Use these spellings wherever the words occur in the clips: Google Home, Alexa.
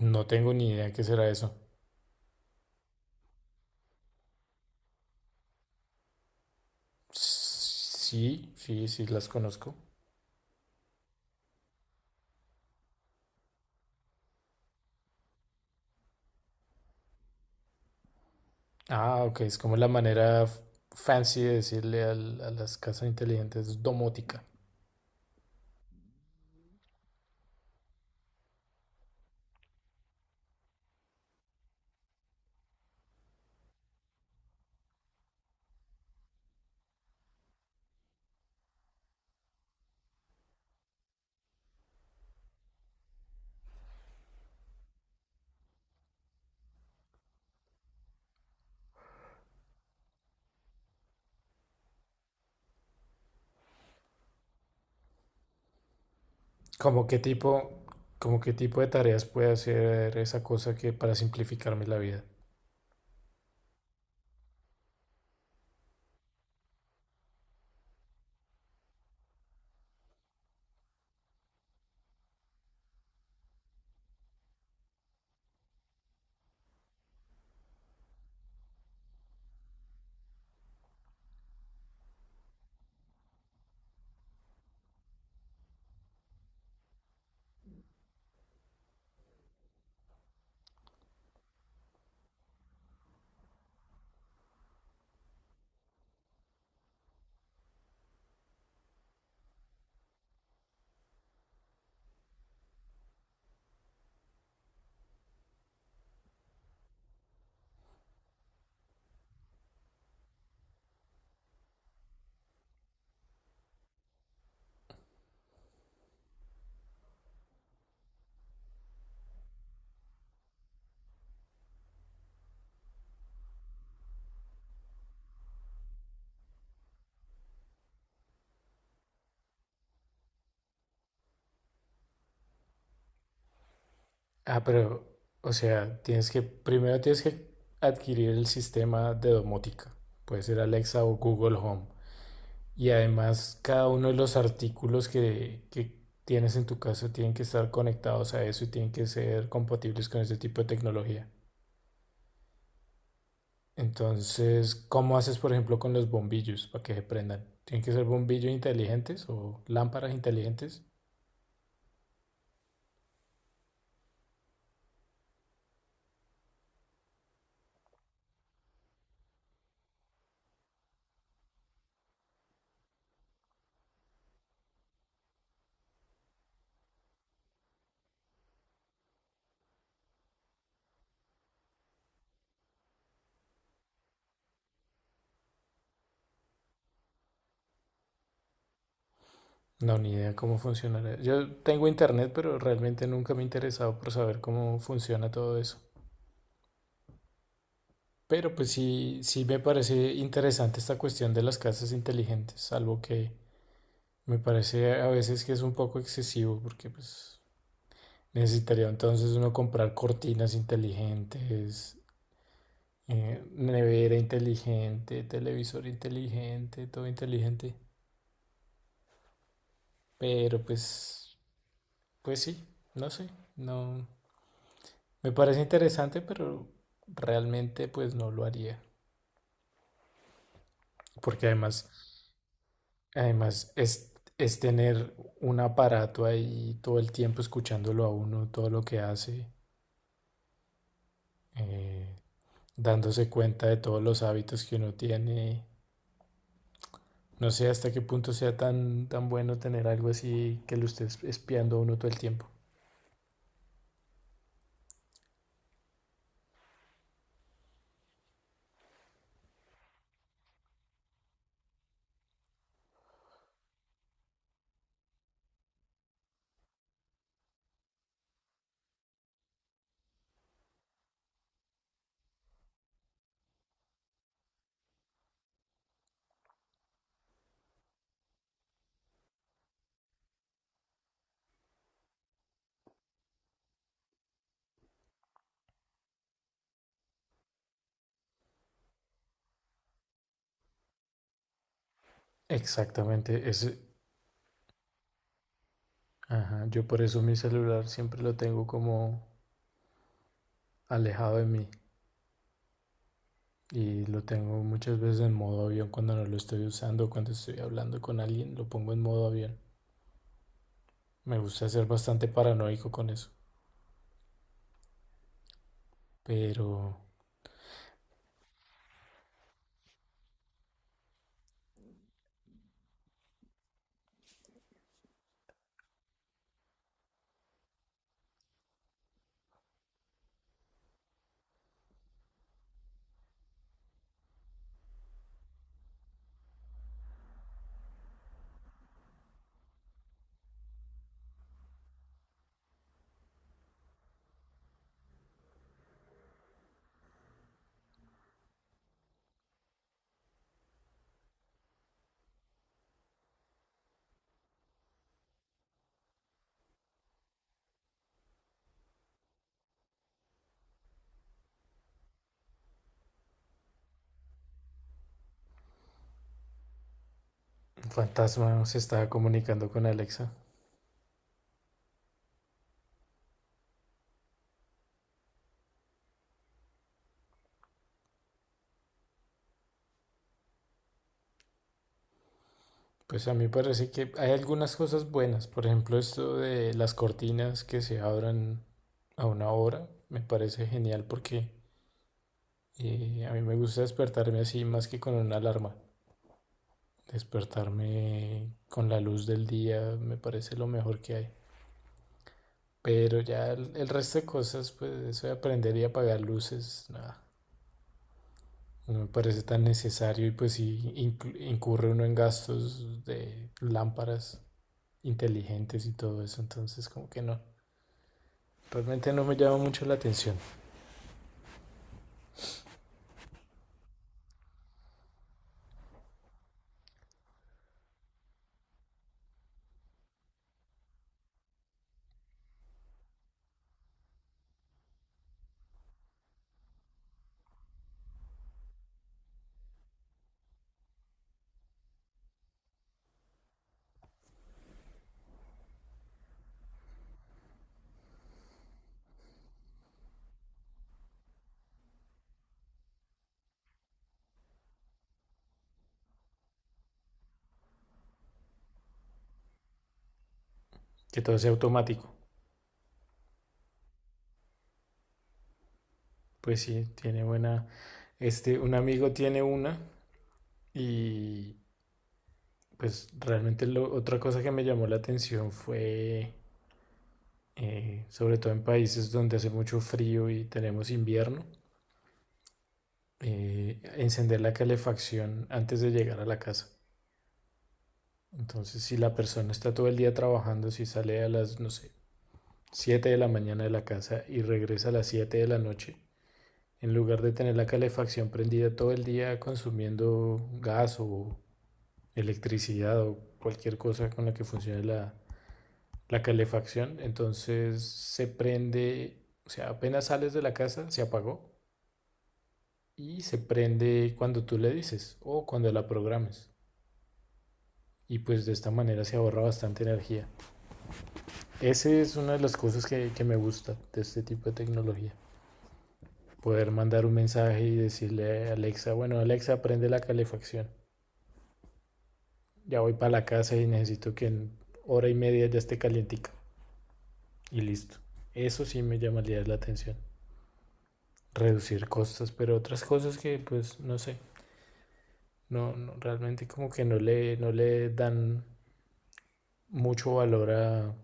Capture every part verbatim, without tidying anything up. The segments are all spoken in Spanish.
No tengo ni idea qué será eso. Sí, sí, sí, las conozco. Ah, ok, es como la manera f- fancy de decirle al- a las casas inteligentes domótica. ¿Como qué tipo, como qué tipo de tareas puede hacer esa cosa que para simplificarme la vida? Ah, pero, o sea, tienes que, primero tienes que adquirir el sistema de domótica. Puede ser Alexa o Google Home. Y además cada uno de los artículos que, que tienes en tu casa tienen que estar conectados a eso y tienen que ser compatibles con ese tipo de tecnología. Entonces, ¿cómo haces, por ejemplo, con los bombillos para que se prendan? ¿Tienen que ser bombillos inteligentes o lámparas inteligentes? No, ni idea cómo funcionará. Yo tengo internet, pero realmente nunca me he interesado por saber cómo funciona todo eso. Pero pues sí, sí me parece interesante esta cuestión de las casas inteligentes, salvo que me parece a veces que es un poco excesivo porque pues necesitaría entonces uno comprar cortinas inteligentes, eh, nevera inteligente, televisor inteligente, todo inteligente. Pero pues, pues sí, no sé, no. Me parece interesante, pero realmente pues no lo haría. Porque además, además es, es tener un aparato ahí todo el tiempo escuchándolo a uno, todo lo que hace. Eh, dándose cuenta de todos los hábitos que uno tiene. No sé hasta qué punto sea tan, tan bueno tener algo así que lo esté espiando a uno todo el tiempo. Exactamente, ese, ajá, yo por eso mi celular siempre lo tengo como alejado de mí y lo tengo muchas veces en modo avión cuando no lo estoy usando, cuando estoy hablando con alguien, lo pongo en modo avión. Me gusta ser bastante paranoico con eso, pero un fantasma se estaba comunicando con Alexa. Pues a mí parece que hay algunas cosas buenas, por ejemplo esto de las cortinas que se abran a una hora, me parece genial porque, eh, a mí me gusta despertarme así más que con una alarma. Despertarme con la luz del día me parece lo mejor que hay. Pero ya el, el resto de cosas, pues eso de aprender y apagar luces, nada, no me parece tan necesario y pues sí inclu- incurre uno en gastos de lámparas inteligentes y todo eso, entonces como que no. Realmente no me llama mucho la atención que todo sea automático. Pues sí, tiene buena... Este, un amigo tiene una y pues realmente lo- otra cosa que me llamó la atención fue, eh, sobre todo en países donde hace mucho frío y tenemos invierno, eh, encender la calefacción antes de llegar a la casa. Entonces, si la persona está todo el día trabajando, si sale a las, no sé, siete de la mañana de la casa y regresa a las siete de la noche, en lugar de tener la calefacción prendida todo el día consumiendo gas o electricidad o cualquier cosa con la que funcione la, la calefacción, entonces se prende, o sea, apenas sales de la casa, se apagó y se prende cuando tú le dices o cuando la programes. Y pues de esta manera se ahorra bastante energía. Esa es una de las cosas que, que me gusta de este tipo de tecnología. Poder mandar un mensaje y decirle a Alexa, bueno, Alexa, prende la calefacción. Ya voy para la casa y necesito que en hora y media ya esté calientica. Y listo. Eso sí me llamaría la atención. Reducir costos, pero otras cosas que pues no sé. No, no, realmente como que no le, no le dan mucho valor a, a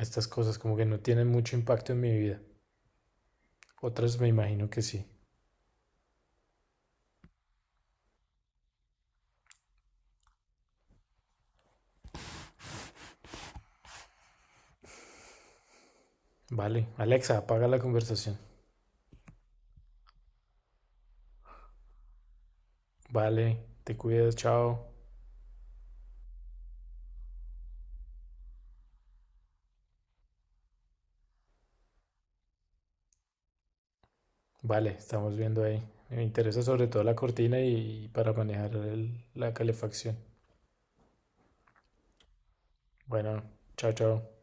estas cosas, como que no tienen mucho impacto en mi vida. Otras me imagino que sí. Vale, Alexa, apaga la conversación. Vale, te cuidas, chao. Vale, estamos viendo ahí. Me interesa sobre todo la cortina y, y para manejar el- la calefacción. Bueno, chao, chao.